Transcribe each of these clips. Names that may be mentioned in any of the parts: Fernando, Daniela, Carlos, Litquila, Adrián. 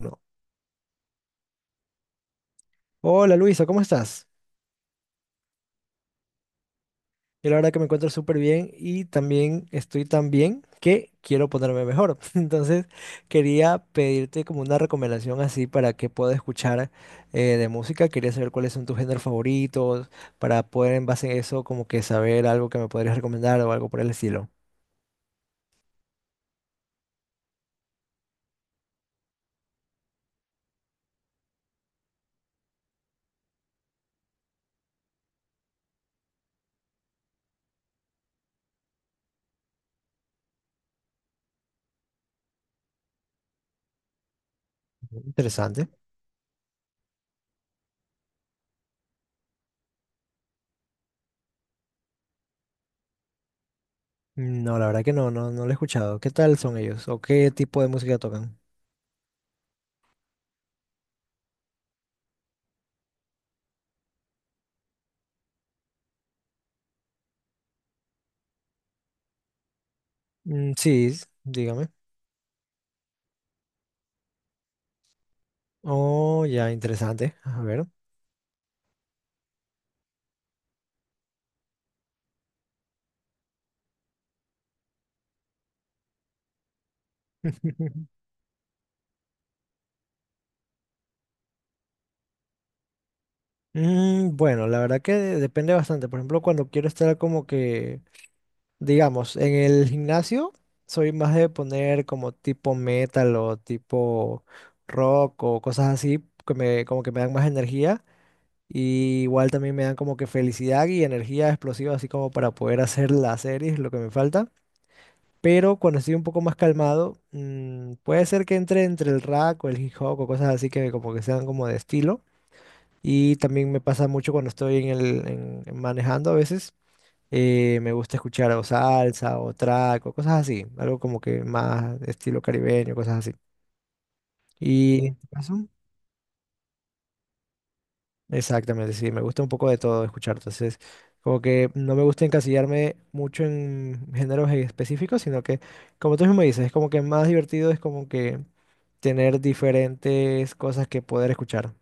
No. Hola Luisa, ¿cómo estás? Yo la verdad que me encuentro súper bien y también estoy tan bien que quiero ponerme mejor. Entonces quería pedirte como una recomendación así para que pueda escuchar de música. Quería saber cuáles son tus géneros favoritos para poder en base a eso como que saber algo que me podrías recomendar o algo por el estilo. Ujú. Interesante. No, la verdad que no, no, no lo he escuchado. ¿Qué tal son ellos o qué tipo de música tocan? Mm, sí, dígame. Oh, ya, interesante. A ver. Mm, bueno, la verdad que depende bastante. Por ejemplo, cuando quiero estar como que, digamos, en el gimnasio, soy más de poner como tipo metal o tipo rock o cosas así que me, como que me dan más energía. Y igual también me dan como que felicidad y energía explosiva, así como para poder hacer las series, lo que me falta. Pero cuando estoy un poco más calmado, puede ser que entre el rap o el hip hop o cosas así que como que sean como de estilo. Y también me pasa mucho cuando estoy en manejando a veces. Me gusta escuchar o salsa o track o cosas así. Algo como que más estilo caribeño, cosas así. Y en tu caso, exactamente, sí, me gusta un poco de todo escuchar. Entonces, como que no me gusta encasillarme mucho en géneros específicos, sino que, como tú mismo dices, es como que más divertido es como que tener diferentes cosas que poder escuchar.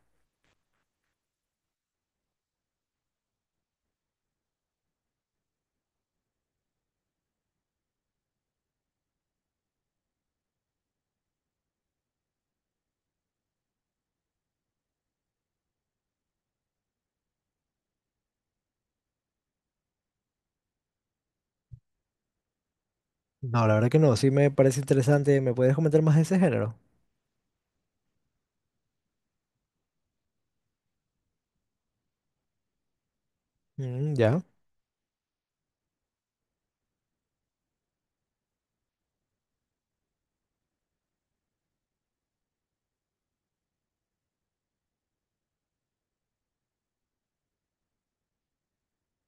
No, la verdad que no, sí me parece interesante. ¿Me puedes comentar más de ese género? Mm, ya.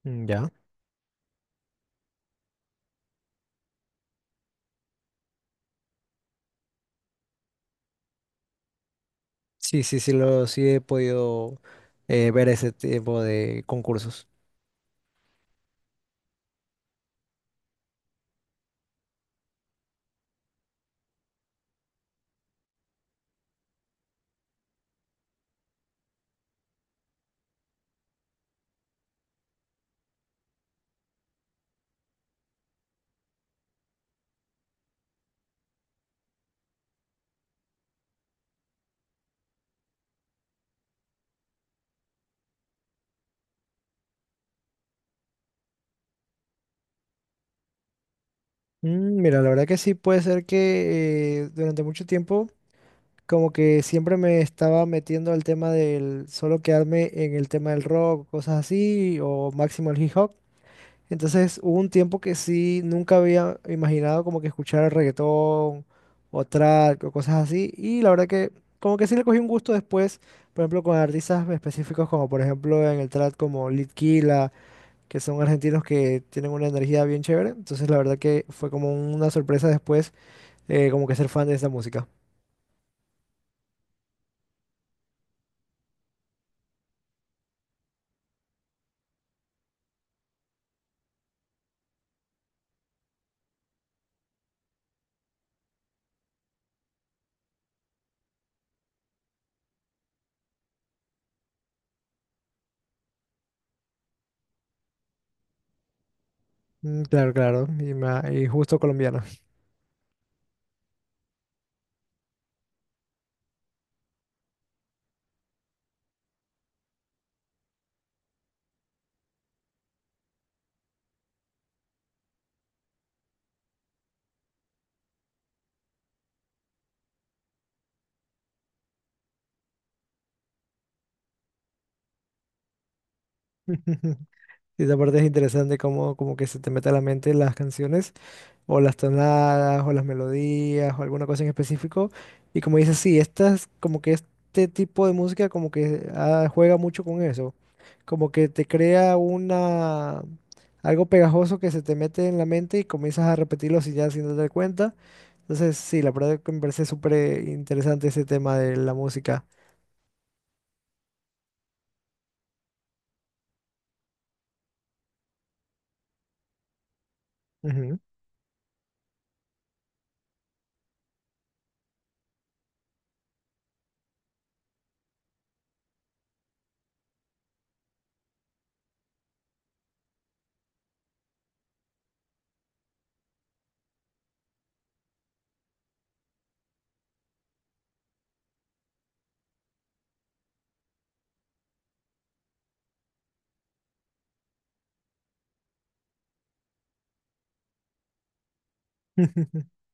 Mm, ya. Sí, sí, sí, sí he podido ver ese tipo de concursos. Mm, mira, la verdad que sí puede ser que durante mucho tiempo como que siempre me estaba metiendo al tema del solo quedarme en el tema del rock, cosas así, o máximo el hip hop. Entonces hubo un tiempo que sí, nunca había imaginado como que escuchar reggaetón o trap o cosas así. Y la verdad que como que sí le cogí un gusto después, por ejemplo, con artistas específicos como por ejemplo en el trap como Litquila, que son argentinos que tienen una energía bien chévere. Entonces la verdad que fue como una sorpresa después como que ser fan de esa música. Mm, claro, claro. Y, y justo colombiano. Y esa parte es interesante como que se te mete a la mente las canciones, o las tonadas, o las melodías, o alguna cosa en específico. Y como dices, sí, como que este tipo de música como que juega mucho con eso, como que te crea algo pegajoso que se te mete en la mente y comienzas a repetirlo sin darte cuenta. Entonces, sí, la verdad que me parece súper interesante ese tema de la música. Ujú.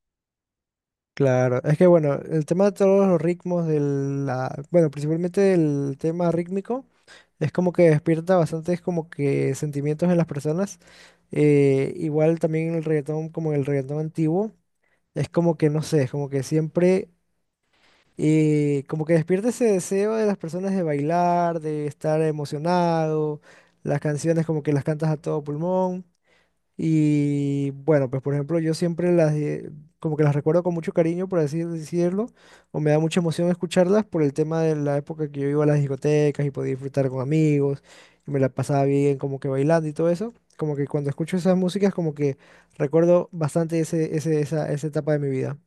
Claro, es que bueno, el tema de todos los ritmos, bueno, principalmente el tema rítmico es como que despierta bastantes como que sentimientos en las personas. Igual también el reggaetón, como el reggaetón antiguo, es como que no sé, es como que siempre, como que despierta ese deseo de las personas de bailar, de estar emocionado. Las canciones como que las cantas a todo pulmón. Y bueno, pues por ejemplo, yo siempre como que las recuerdo con mucho cariño, por así decirlo, o me da mucha emoción escucharlas por el tema de la época que yo iba a las discotecas y podía disfrutar con amigos, y me la pasaba bien como que bailando y todo eso. Como que cuando escucho esas músicas, como que recuerdo bastante esa etapa de mi vida.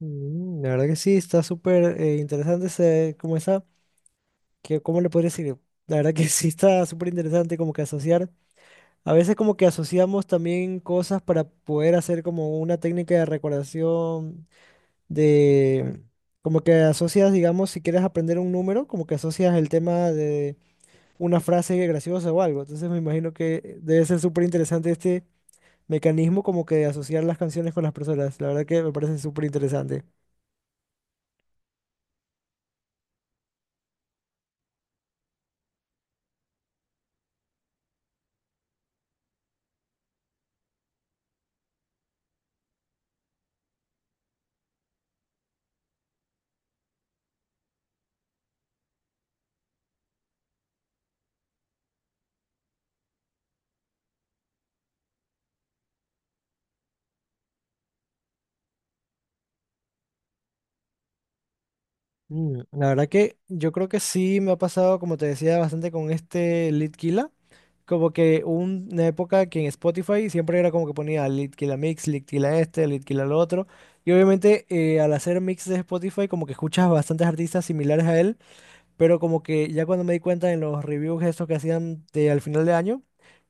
Mm, la verdad que sí, está súper interesante ese, como esa, que, ¿cómo le podría decir? La verdad que sí está súper interesante como que asociar. A veces como que asociamos también cosas para poder hacer como una técnica de recordación de como que asocias, digamos, si quieres aprender un número, como que asocias el tema de una frase graciosa o algo. Entonces me imagino que debe ser súper interesante este mecanismo como que de asociar las canciones con las personas. La verdad que me parece súper interesante. Mm, la verdad que yo creo que sí me ha pasado, como te decía, bastante con este Litkila. Como que una época que en Spotify siempre era como que ponía Litkila Mix, Litkila este, Litkila lo otro. Y obviamente al hacer mix de Spotify como que escuchas bastantes artistas similares a él, pero como que ya cuando me di cuenta en los reviews estos que hacían al final de año,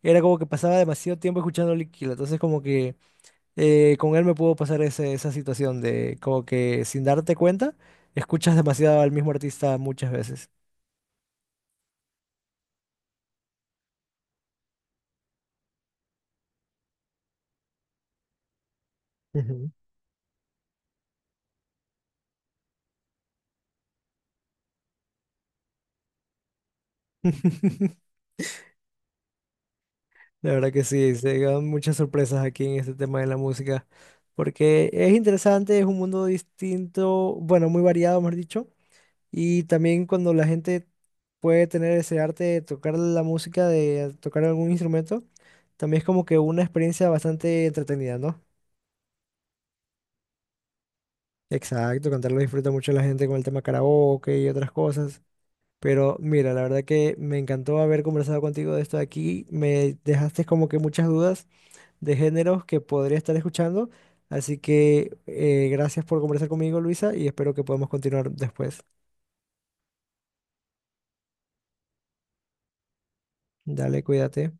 era como que pasaba demasiado tiempo escuchando Litkila. Entonces como que con él me pudo pasar esa situación de como que sin darte cuenta, escuchas demasiado al mismo artista muchas veces. Ujú. De verdad que sí, se llegan muchas sorpresas aquí en este tema de la música, porque es interesante, es un mundo distinto, bueno, muy variado, mejor dicho, y también cuando la gente puede tener ese arte de tocar la música, de tocar algún instrumento, también es como que una experiencia bastante entretenida, ¿no? Exacto, cantarlo disfruta mucho la gente con el tema karaoke y otras cosas, pero mira, la verdad que me encantó haber conversado contigo de esto de aquí, me dejaste como que muchas dudas de géneros que podría estar escuchando. Así que gracias por conversar conmigo, Luisa, y espero que podamos continuar después. Dale, cuídate.